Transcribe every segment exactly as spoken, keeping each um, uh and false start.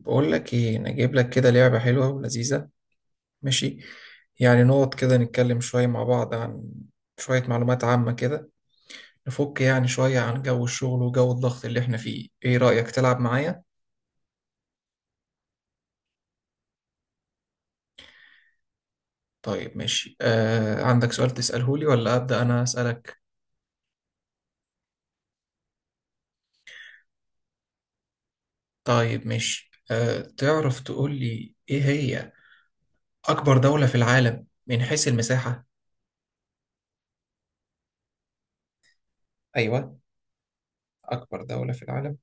بقول لك ايه، انا جايب لك كده لعبة حلوة ولذيذة. ماشي. يعني نقعد كده نتكلم شوية مع بعض عن شوية معلومات عامة كده. نفك يعني شوية عن جو الشغل وجو الضغط اللي احنا فيه. ايه رأيك تلعب معايا؟ طيب، ماشي. آه عندك سؤال تسأله لي ولا أبدأ انا أسألك؟ طيب، ماشي. آه تعرف تقول لي ايه هي أكبر دولة في العالم من حيث المساحة؟ ايوه، أكبر دولة في العالم.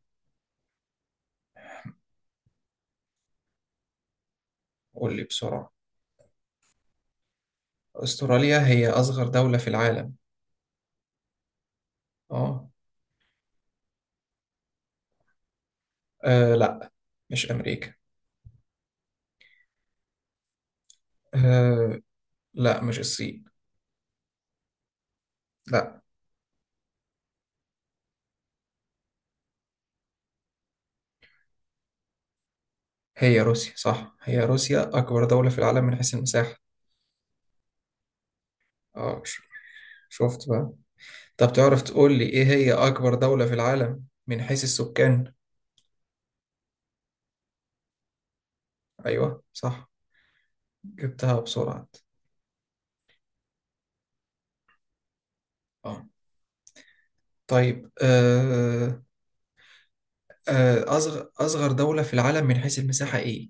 قول لي بسرعة. أستراليا هي أصغر دولة في العالم. اه. آه لا، مش أمريكا. آه لا، مش الصين. لا. هي روسيا، صح، هي روسيا أكبر دولة في العالم من حيث المساحة. اه ش- شفت بقى. طب تعرف تقول لي إيه هي أكبر دولة في العالم من حيث السكان؟ أيوه، صح. جبتها بسرعة. اه. طيب، آه آه أصغر أصغر دولة في العالم من حيث المساحة إيه؟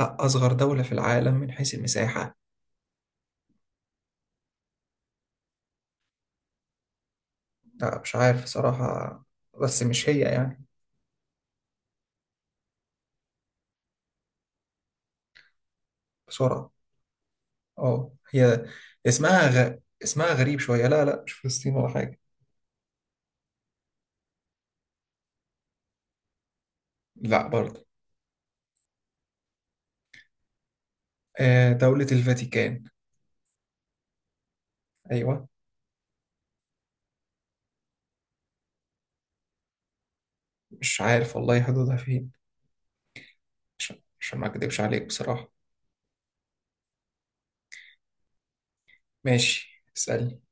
لا، أصغر دولة في العالم من حيث المساحة. لا مش عارف صراحة، بس مش هي يعني. بسرعة. اه، هي اسمها غ... اسمها غريب شوية. لا لا، مش فلسطين ولا حاجة. لا برضه. آه دولة الفاتيكان. أيوة. مش عارف والله حدودها فين. عشان عشان ما أكدبش عليك بصراحة. ماشي، اسألني.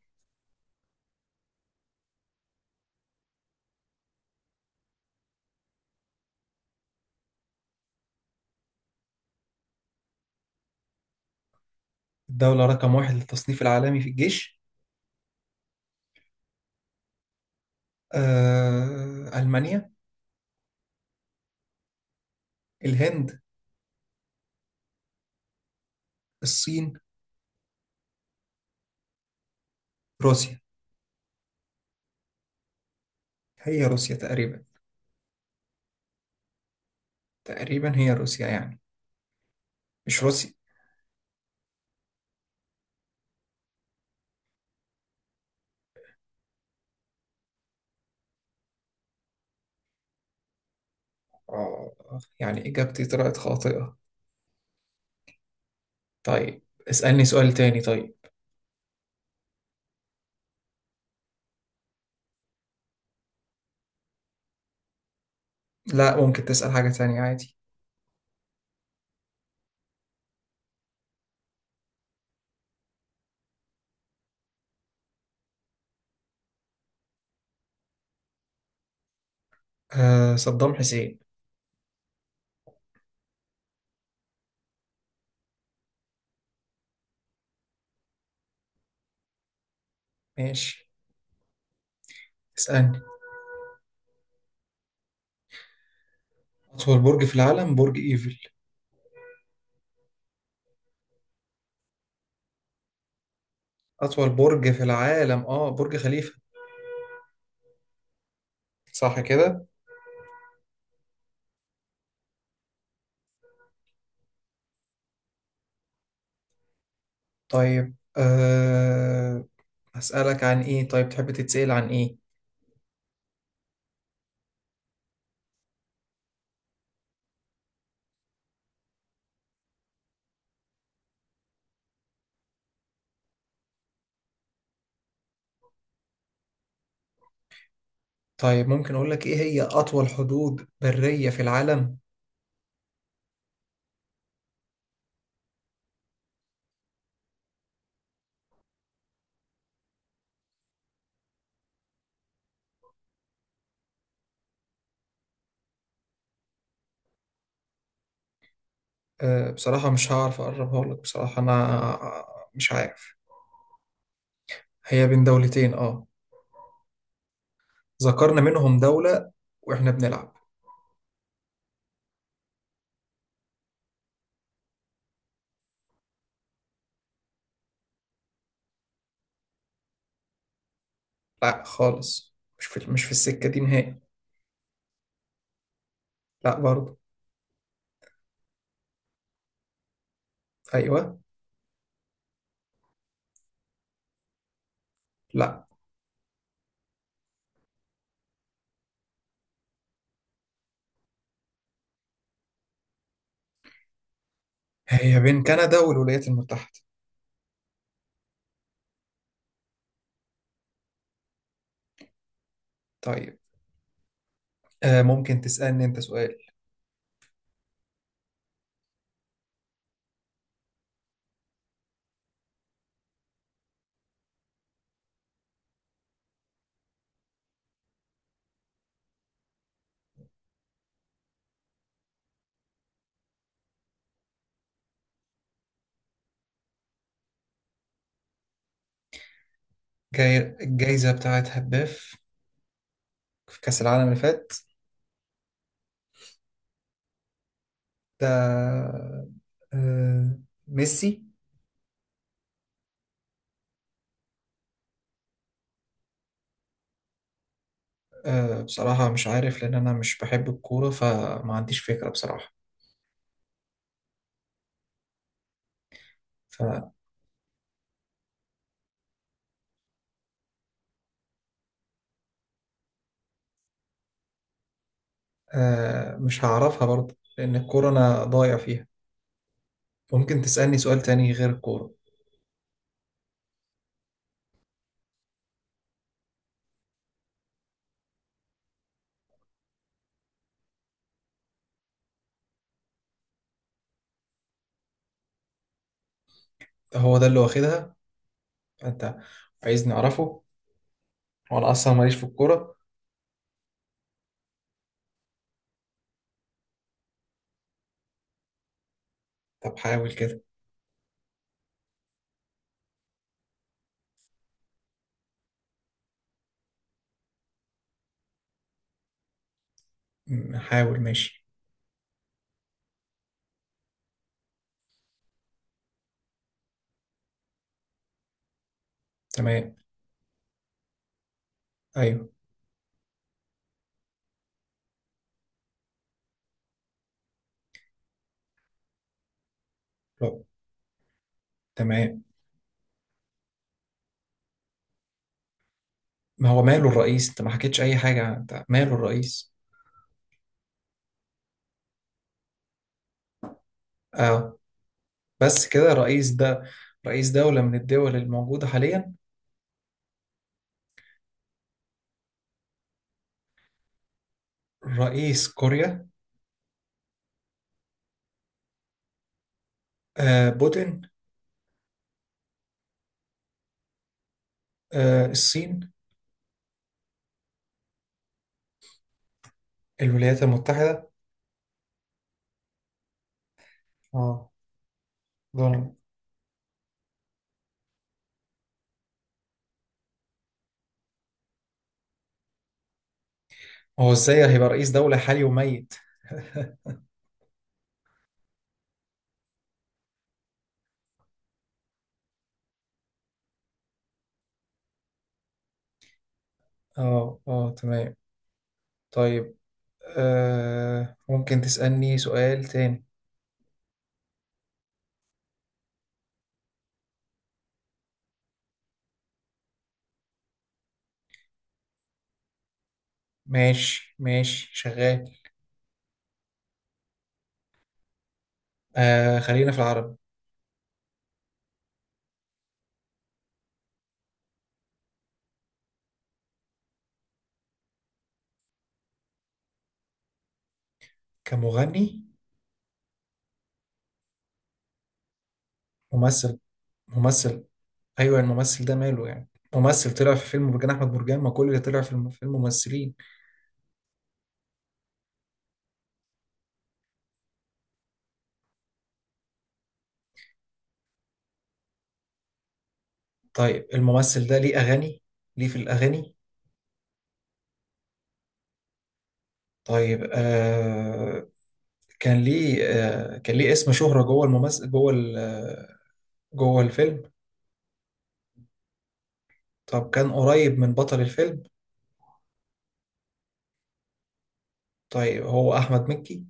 الدولة رقم واحد للتصنيف العالمي في الجيش؟ آه ألمانيا. الهند. الصين. روسيا. هي روسيا تقريبا. تقريبا هي روسيا يعني. مش روسيا. آه يعني إجابتي طلعت خاطئة. طيب. اسألني سؤال تاني. طيب. لا، ممكن تسأل حاجة تانية عادي. آه صدام حسين. ماشي، اسألني. أطول برج في العالم برج إيفل. أطول برج في العالم آه برج خليفة. صح كده. طيب، آه، هسألك عن إيه؟ طيب، تحب تتسأل عن إيه؟ طيب، ممكن أقول لك إيه هي أطول حدود برية في العالم؟ آه، بصراحة مش هعرف أقربها لك بصراحة أنا. مش عارف. هي بين دولتين، آه، ذكرنا منهم دولة وإحنا بنلعب. لا خالص، مش في مش في السكة دي نهائي. لا برضه. أيوه. لا. هي بين كندا والولايات المتحدة. طيب. آه ممكن تسألني أنت سؤال. جاي الجايزة بتاعت هداف في كأس العالم اللي فات. ده آه ميسي. آه، بصراحة مش عارف لأن أنا مش بحب الكورة فما عنديش فكرة بصراحة. فمش هعرفها برضه لأن الكورة أنا ضايع فيها. ممكن تسألني سؤال تاني غير الكورة. هو ده اللي واخدها؟ أنت عايزني أعرفه؟ وأنا أصلا ماليش في الكورة. طب حاول كده. م- حاول، ماشي. تمام، ايوه. طب، تمام. ما هو ماله الرئيس، انت ما حكيتش اي حاجه، انت ماله الرئيس؟ اه، بس كده الرئيس ده رئيس دوله من الدول الموجوده حاليا؟ رئيس كوريا. آه بوتين. آه الصين. الولايات المتحده. اه، دونالد. هو ازاي هيبقى رئيس دوله حالي وميت؟ اه اه، تمام. طيب، آه ممكن تسألني سؤال تاني. ماشي ماشي، شغال. آه خلينا في العربي. كمغني؟ ممثل. ممثل. ايوه، الممثل ده ماله يعني؟ ممثل طلع في فيلم برجان احمد برجان، ما كل اللي طلع في الم- في الممثلين. طيب، الممثل ده ليه اغاني؟ ليه في الاغاني؟ طيب، آه، كان ليه، آه، كان ليه اسم شهرة جوه الممثل جوه ال- آه، جوه الفيلم. طب كان قريب من بطل الفيلم؟ طيب، هو احمد مكي.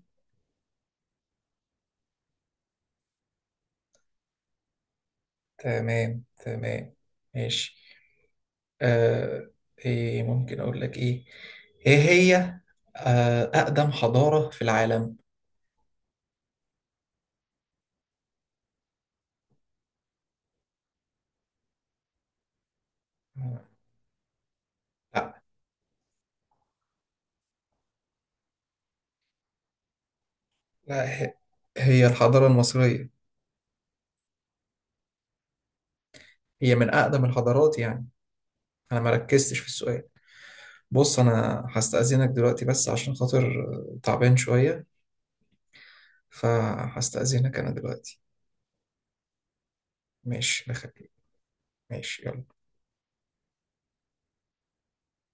تمام تمام، ماشي. آه، ايه ممكن اقول لك ايه، ايه هي آه اقدم حضارة في العالم؟ آه، لا. لا، ه- هي الحضارة المصرية. هي من أقدم الحضارات يعني. أنا ما ركزتش في السؤال. بص، أنا هستأذنك دلوقتي بس عشان خاطر، آه، تعبان شوية. فهستأذنك أنا دلوقتي. ماشي، بخير. ماشي، يلا.